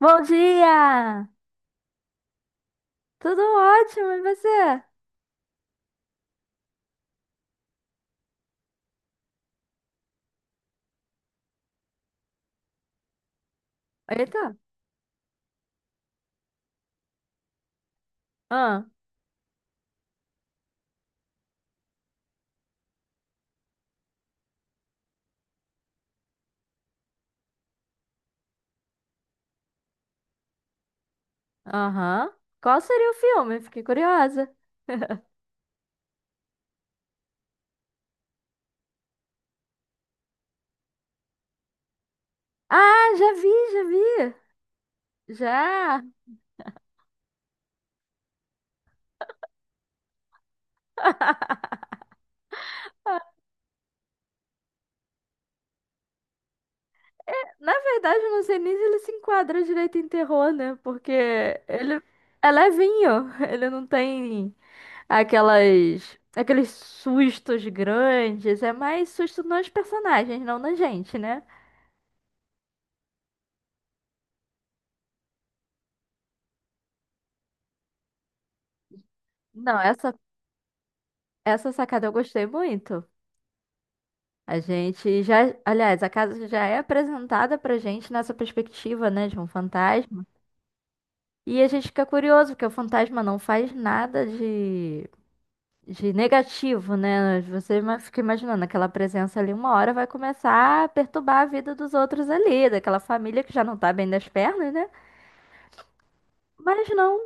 Bom dia! Tudo ótimo, e você? Eita! Ah, aham. Qual seria o filme? Fiquei curiosa. Ah, já vi, já vi! Já! Na verdade, eu não sei nem se ele se enquadra direito em terror, né? Porque ele é levinho, ele não tem aqueles sustos grandes, é mais susto nos personagens, não na gente, né? Não, essa sacada eu gostei muito. A gente já, aliás, a casa já é apresentada pra gente nessa perspectiva, né, de um fantasma. E a gente fica curioso, porque o fantasma não faz nada de negativo, né? Fica imaginando aquela presença ali, uma hora vai começar a perturbar a vida dos outros ali, daquela família que já não tá bem das pernas, né? Mas não.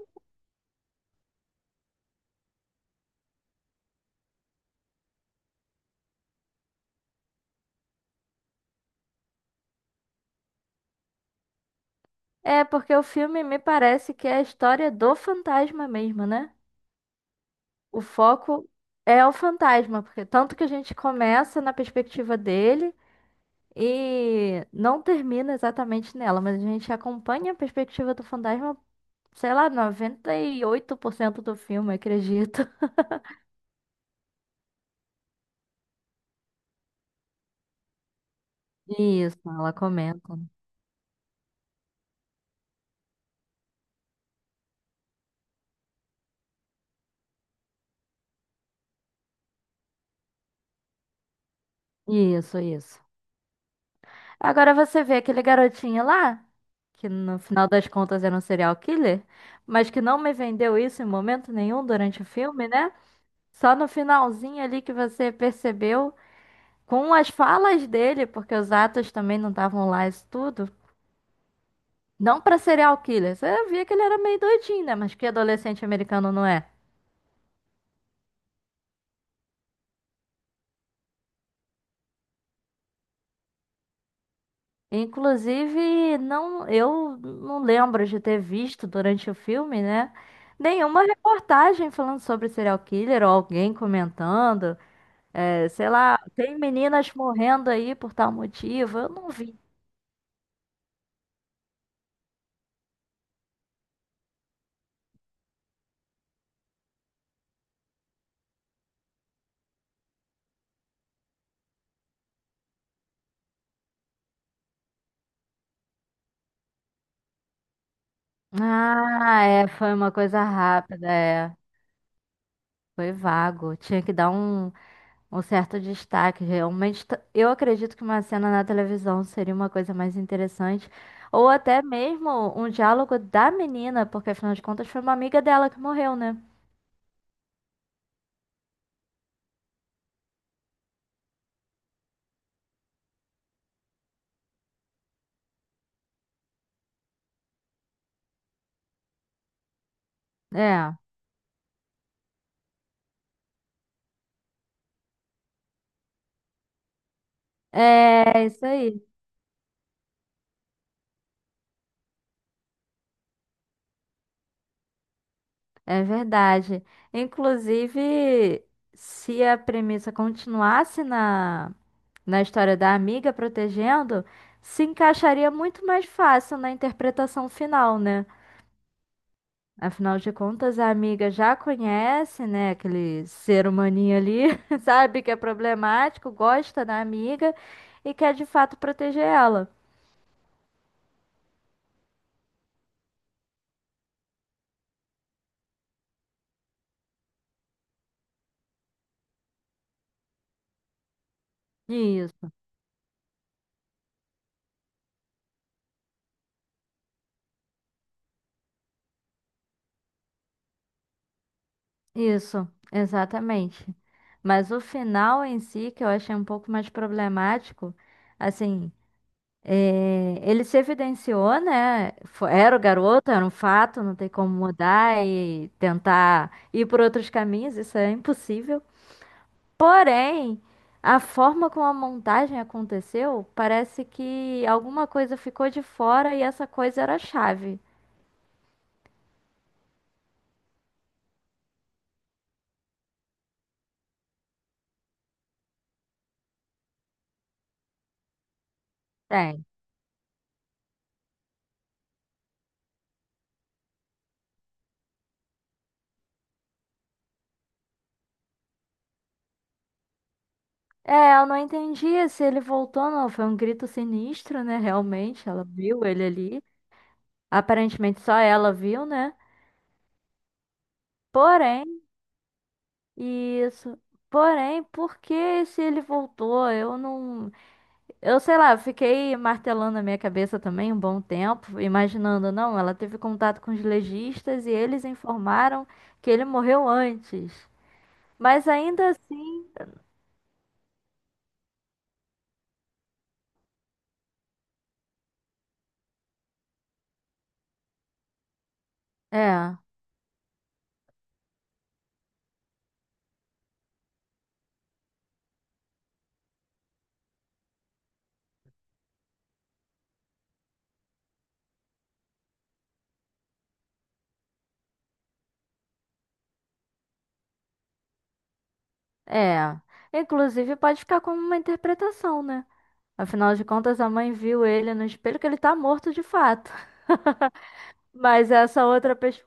É porque o filme me parece que é a história do fantasma mesmo, né? O foco é o fantasma, porque tanto que a gente começa na perspectiva dele. E não termina exatamente nela, mas a gente acompanha a perspectiva do fantasma, sei lá, 98% do filme, acredito. Isso, ela comenta. Isso, isso. Agora você vê aquele garotinho lá, que no final das contas era um serial killer, mas que não me vendeu isso em momento nenhum durante o filme, né? Só no finalzinho ali que você percebeu, com as falas dele, porque os atos também não estavam lá, isso tudo. Não pra serial killer. Você via que ele era meio doidinho, né? Mas que adolescente americano não é? Inclusive, não, eu não lembro de ter visto durante o filme, né? Nenhuma reportagem falando sobre serial killer ou alguém comentando. É, sei lá, tem meninas morrendo aí por tal motivo. Eu não vi. Ah, é, foi uma coisa rápida, é. Foi vago. Tinha que dar um, Um certo destaque, realmente. Eu acredito que uma cena na televisão seria uma coisa mais interessante. Ou até mesmo um diálogo da menina, porque afinal de contas foi uma amiga dela que morreu, né? É, é isso aí. É verdade. Inclusive, se a premissa continuasse na história da amiga protegendo, se encaixaria muito mais fácil na interpretação final, né? Afinal de contas, a amiga já conhece, né, aquele ser humaninho ali, sabe que é problemático, gosta da amiga e quer de fato proteger ela. Isso, isso, exatamente. Mas o final em si, que eu achei um pouco mais problemático, assim, é, ele se evidenciou, né? Era o garoto, era um fato, não tem como mudar e tentar ir por outros caminhos, isso é impossível. Porém, a forma como a montagem aconteceu, parece que alguma coisa ficou de fora e essa coisa era a chave. Tem. É, eu não entendi se ele voltou ou não. Foi um grito sinistro, né? Realmente, ela viu ele ali. Aparentemente só ela viu, né? Porém, isso. Porém, por que se ele voltou? Eu não. Eu sei lá, fiquei martelando a minha cabeça também um bom tempo, imaginando, não, ela teve contato com os legistas e eles informaram que ele morreu antes. Mas ainda assim, é, é. Inclusive pode ficar como uma interpretação, né? Afinal de contas, a mãe viu ele no espelho que ele tá morto de fato. Mas essa outra pers...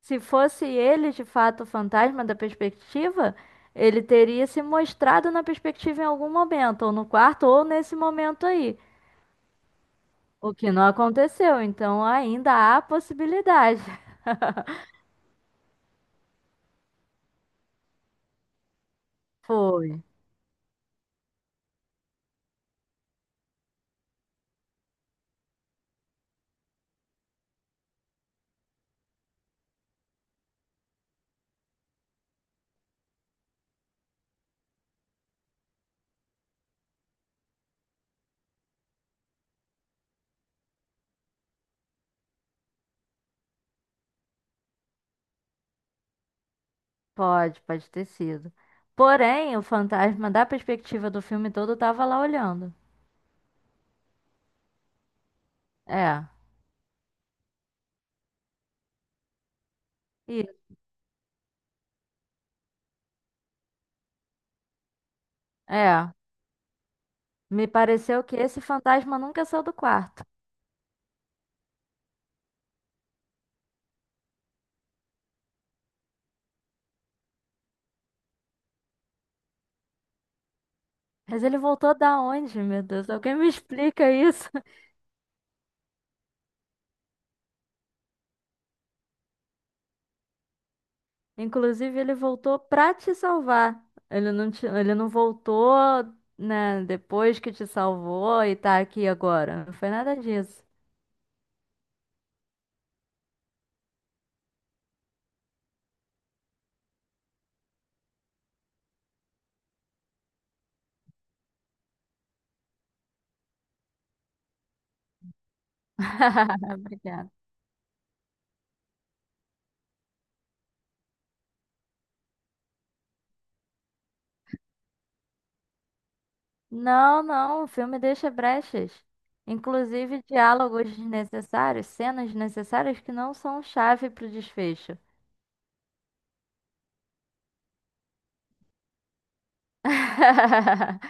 se fosse ele de fato o fantasma da perspectiva, ele teria se mostrado na perspectiva em algum momento, ou no quarto, ou nesse momento aí. O que não aconteceu, então ainda há possibilidade. Foi, pode ter sido. Porém, o fantasma da perspectiva do filme todo tava lá olhando. É, e É. Me pareceu que esse fantasma nunca saiu do quarto. Mas ele voltou da onde, meu Deus? Alguém me explica isso? Inclusive, ele voltou pra te salvar. Ele não voltou, né, depois que te salvou e tá aqui agora. Não foi nada disso. Obrigada. Não, não, o filme deixa brechas. Inclusive diálogos desnecessários, cenas desnecessárias que não são chave para o desfecho.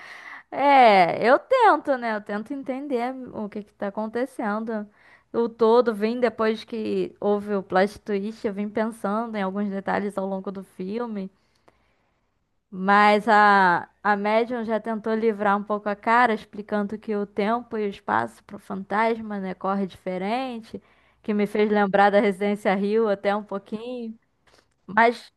É, eu tento, né? Eu tento entender o que que tá acontecendo. O todo vim depois que houve o plot twist, eu vim pensando em alguns detalhes ao longo do filme. Mas a médium já tentou livrar um pouco a cara, explicando que o tempo e o espaço para o fantasma, né, corre diferente, que me fez lembrar da Residência Rio até um pouquinho. Mas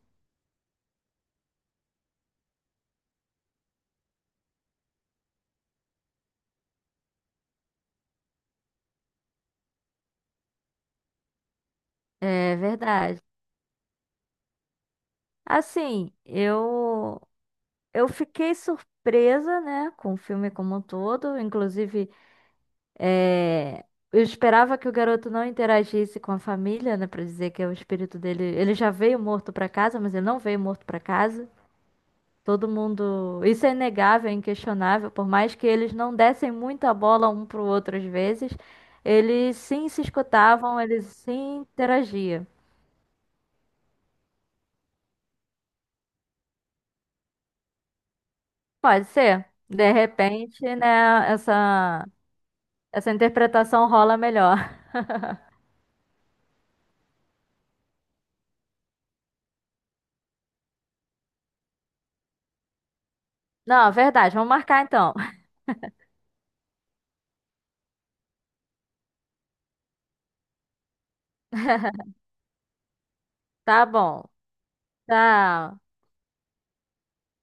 é verdade. Assim, eu fiquei surpresa, né, com o filme como um todo. Inclusive, é, eu esperava que o garoto não interagisse com a família, né, para dizer que é o espírito dele. Ele já veio morto para casa, mas ele não veio morto para casa. Todo mundo. Isso é inegável, é inquestionável. Por mais que eles não dessem muita bola um pro outro às vezes, eles sim se escutavam, eles sim interagiam. Pode ser. De repente, né, essa interpretação rola melhor. Não, verdade. Vamos marcar então. Tá bom. Tchau.